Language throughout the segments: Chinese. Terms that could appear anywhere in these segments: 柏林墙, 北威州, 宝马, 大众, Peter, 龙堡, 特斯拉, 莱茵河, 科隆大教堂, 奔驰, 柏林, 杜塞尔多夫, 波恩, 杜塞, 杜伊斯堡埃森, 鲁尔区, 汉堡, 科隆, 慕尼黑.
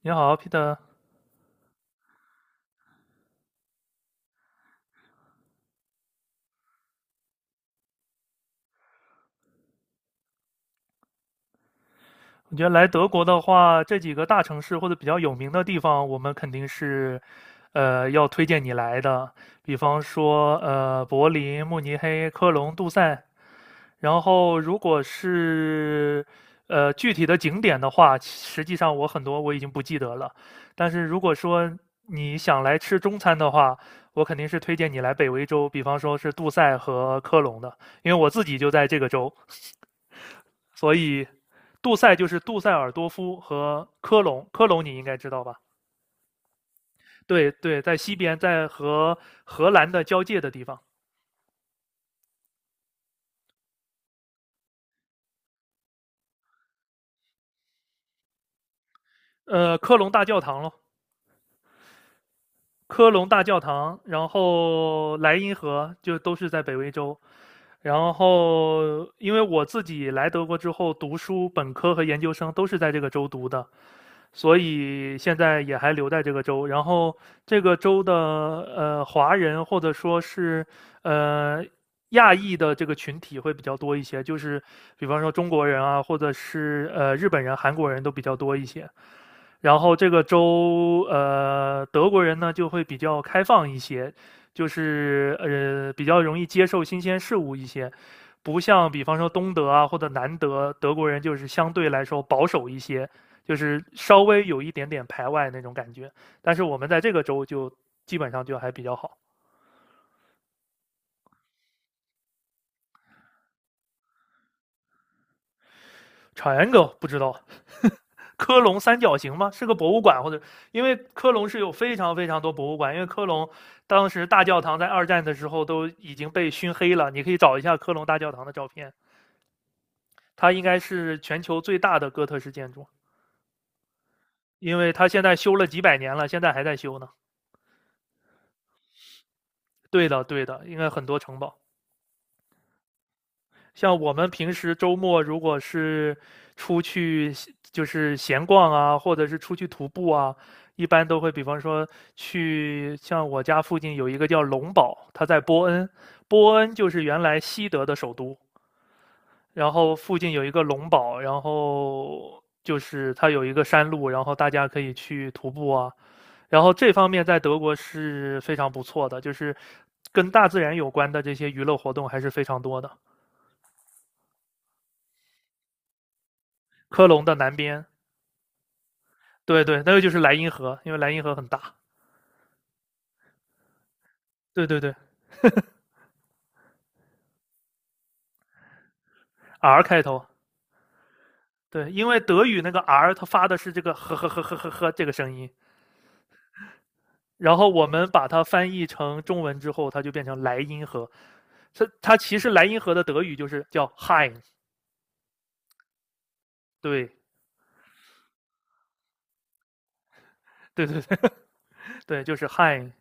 你好，Peter。我觉得来德国的话，这几个大城市或者比较有名的地方，我们肯定是，要推荐你来的。比方说，柏林、慕尼黑、科隆、杜塞。然后，如果是具体的景点的话，实际上我很多我已经不记得了。但是如果说你想来吃中餐的话，我肯定是推荐你来北威州，比方说是杜塞和科隆的，因为我自己就在这个州。所以杜塞就是杜塞尔多夫和科隆，科隆你应该知道吧？对对，在西边，在和荷兰的交界的地方，科隆大教堂咯，科隆大教堂，然后莱茵河就都是在北威州。然后，因为我自己来德国之后读书，本科和研究生都是在这个州读的，所以现在也还留在这个州。然后这个州的华人或者说是呃亚裔的这个群体会比较多一些，就是比方说中国人啊，或者是日本人、韩国人都比较多一些。然后这个州，德国人呢就会比较开放一些，就是比较容易接受新鲜事物一些，不像比方说东德啊或者南德，德国人就是相对来说保守一些，就是稍微有一点点排外那种感觉。但是我们在这个州就基本上就还比较好。长 r i 不知道，科隆三角形吗？是个博物馆，或者因为科隆是有非常非常多博物馆，因为科隆当时大教堂在二战的时候都已经被熏黑了，你可以找一下科隆大教堂的照片，它应该是全球最大的哥特式建筑，因为它现在修了几百年了，现在还在修呢。对的，对的，应该很多城堡。像我们平时周末如果是出去就是闲逛啊，或者是出去徒步啊，一般都会比方说去像我家附近有一个叫龙堡，它在波恩，波恩就是原来西德的首都，然后附近有一个龙堡，然后就是它有一个山路，然后大家可以去徒步啊，然后这方面在德国是非常不错的，就是跟大自然有关的这些娱乐活动还是非常多的。科隆的南边，对对，那个就是莱茵河，因为莱茵河很大。对对对，R 开头。对，因为德语那个 R 它发的是这个呵呵呵呵呵呵这个声音，然后我们把它翻译成中文之后，它就变成莱茵河。它其实莱茵河的德语就是叫 Hein。对对对对对，就是 Hein。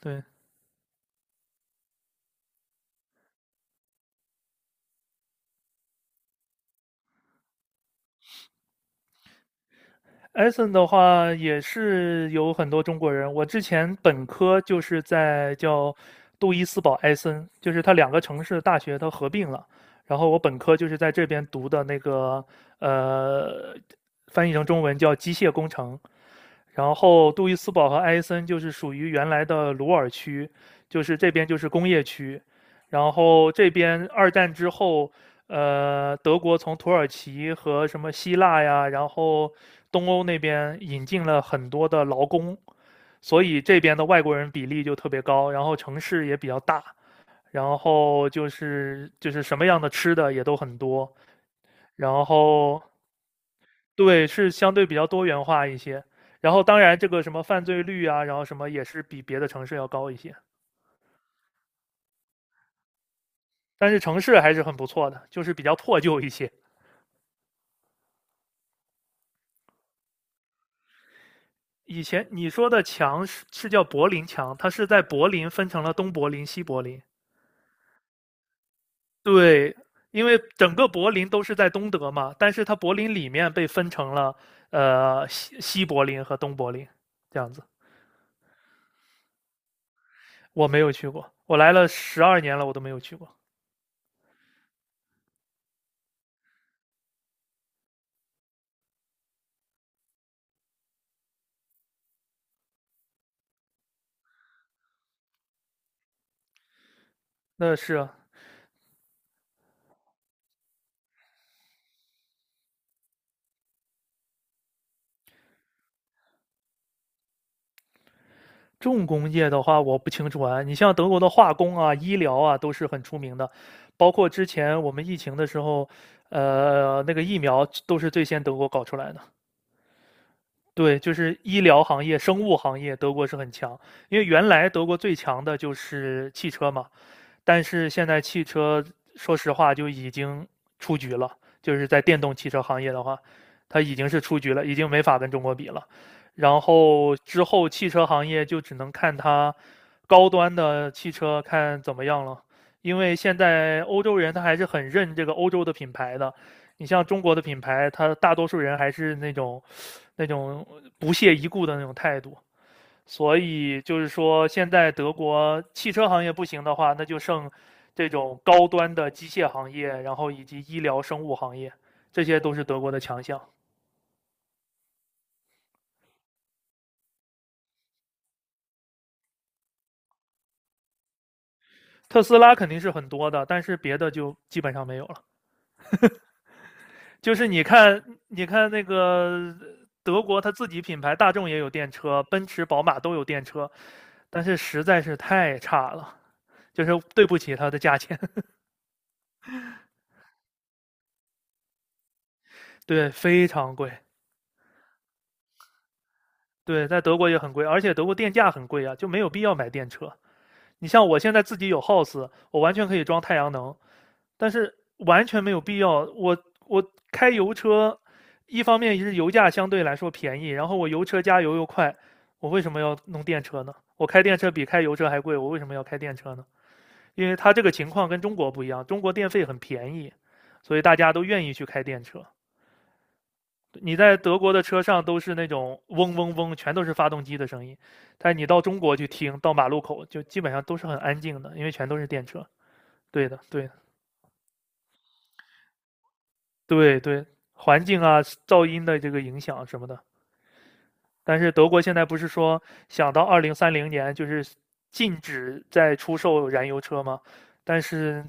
对，e 森的话也是有很多中国人。我之前本科就是在叫杜伊斯堡埃森，就是它两个城市的大学它合并了。然后我本科就是在这边读的那个，呃，翻译成中文叫机械工程。然后杜伊斯堡和埃森就是属于原来的鲁尔区，就是这边就是工业区，然后这边二战之后，德国从土耳其和什么希腊呀，然后东欧那边引进了很多的劳工，所以这边的外国人比例就特别高，然后城市也比较大，然后就是什么样的吃的也都很多，然后对，是相对比较多元化一些。然后当然这个什么犯罪率啊，然后什么也是比别的城市要高一些，但是城市还是很不错的，就是比较破旧一些。以前你说的墙是叫柏林墙，它是在柏林分成了东柏林、西柏林。对，因为整个柏林都是在东德嘛，但是它柏林里面被分成了西柏林和东柏林这样子。我没有去过，我来了12年了，我都没有去过。那是啊重工业的话，我不清楚啊。你像德国的化工啊、医疗啊，都是很出名的。包括之前我们疫情的时候，那个疫苗都是最先德国搞出来的。对，就是医疗行业、生物行业，德国是很强。因为原来德国最强的就是汽车嘛，但是现在汽车，说实话就已经出局了，就是在电动汽车行业的话，它已经是出局了，已经没法跟中国比了。然后之后汽车行业就只能看它高端的汽车看怎么样了，因为现在欧洲人他还是很认这个欧洲的品牌的。你像中国的品牌，它大多数人还是那种不屑一顾的那种态度，所以就是说，现在德国汽车行业不行的话，那就剩这种高端的机械行业，然后以及医疗生物行业，这些都是德国的强项。特斯拉肯定是很多的，但是别的就基本上没有了。就是你看，你看那个德国，它自己品牌大众也有电车，奔驰、宝马都有电车，但是实在是太差了，就是对不起它的价钱，对，非常贵。对，在德国也很贵，而且德国电价很贵啊，就没有必要买电车。你像我现在自己有 house，我完全可以装太阳能，但是完全没有必要。我开油车，一方面是油价相对来说便宜，然后我油车加油又快，我为什么要弄电车呢？我开电车比开油车还贵，我为什么要开电车呢？因为它这个情况跟中国不一样，中国电费很便宜，所以大家都愿意去开电车。你在德国的车上都是那种嗡嗡嗡，全都是发动机的声音，但你到中国去听，到马路口就基本上都是很安静的，因为全都是电车。对的，对的，对对，环境啊、噪音的这个影响什么的。但是德国现在不是说想到2030年就是禁止再出售燃油车吗？但是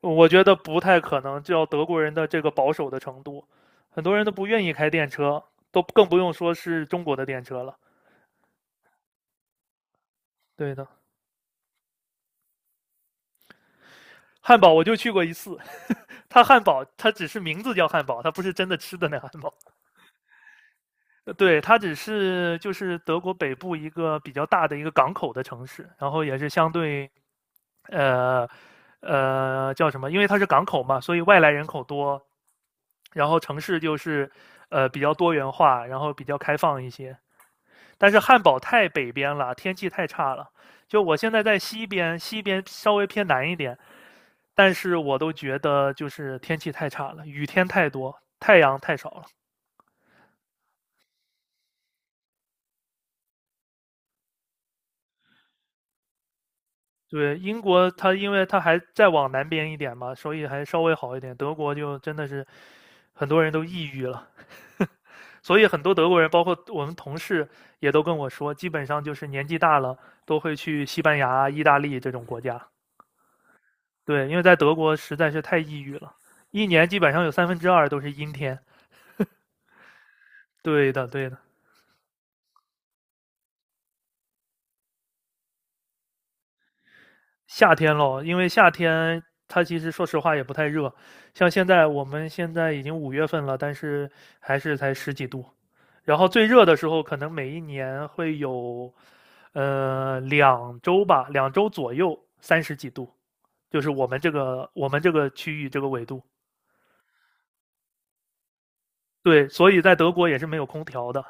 我觉得不太可能，就要德国人的这个保守的程度，很多人都不愿意开电车，都更不用说是中国的电车了。对的，汉堡我就去过一次，它汉堡它只是名字叫汉堡，它不是真的吃的那汉堡。呃对，它只是就是德国北部一个比较大的一个港口的城市，然后也是相对呃叫什么？因为它是港口嘛，所以外来人口多，然后城市就是比较多元化，然后比较开放一些。但是汉堡太北边了，天气太差了。就我现在在西边，西边稍微偏南一点，但是我都觉得就是天气太差了，雨天太多，太阳太少了。对，英国它因为它还再往南边一点嘛，所以还稍微好一点。德国就真的是很多人都抑郁了，所以很多德国人，包括我们同事也都跟我说，基本上就是年纪大了都会去西班牙、意大利这种国家。对，因为在德国实在是太抑郁了，一年基本上有三分之二都是阴天。对的，对的。夏天咯，因为夏天它其实说实话也不太热，像我们现在已经5月份了，但是还是才十几度。然后最热的时候，可能每一年会有，两周吧，两周左右30几度，就是我们这个区域这个纬度。对，所以在德国也是没有空调的。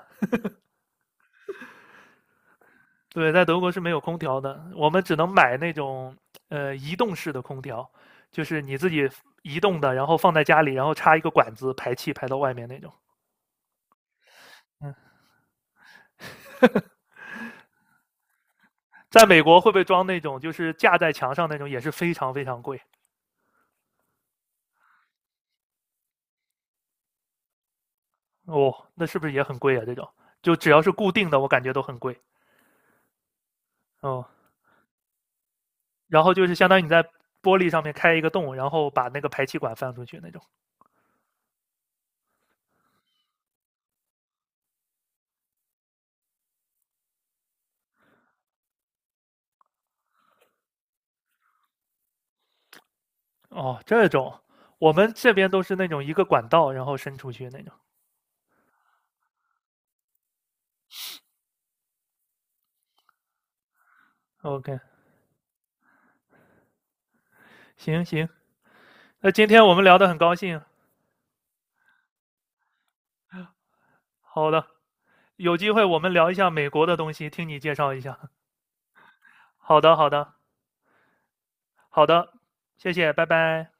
对，在德国是没有空调的，我们只能买那种移动式的空调，就是你自己移动的，然后放在家里，然后插一个管子排气排到外面那种。嗯，在美国会不会装那种就是架在墙上那种，也是非常非常贵哦，那是不是也很贵啊？这种就只要是固定的，我感觉都很贵哦。然后就是相当于你在玻璃上面开一个洞，然后把那个排气管放出去那种。哦，这种我们这边都是那种一个管道，然后伸出去那种。OK，行行，那今天我们聊得很高兴。好的，有机会我们聊一下美国的东西，听你介绍一下。好的，好的，好的，谢谢，拜拜。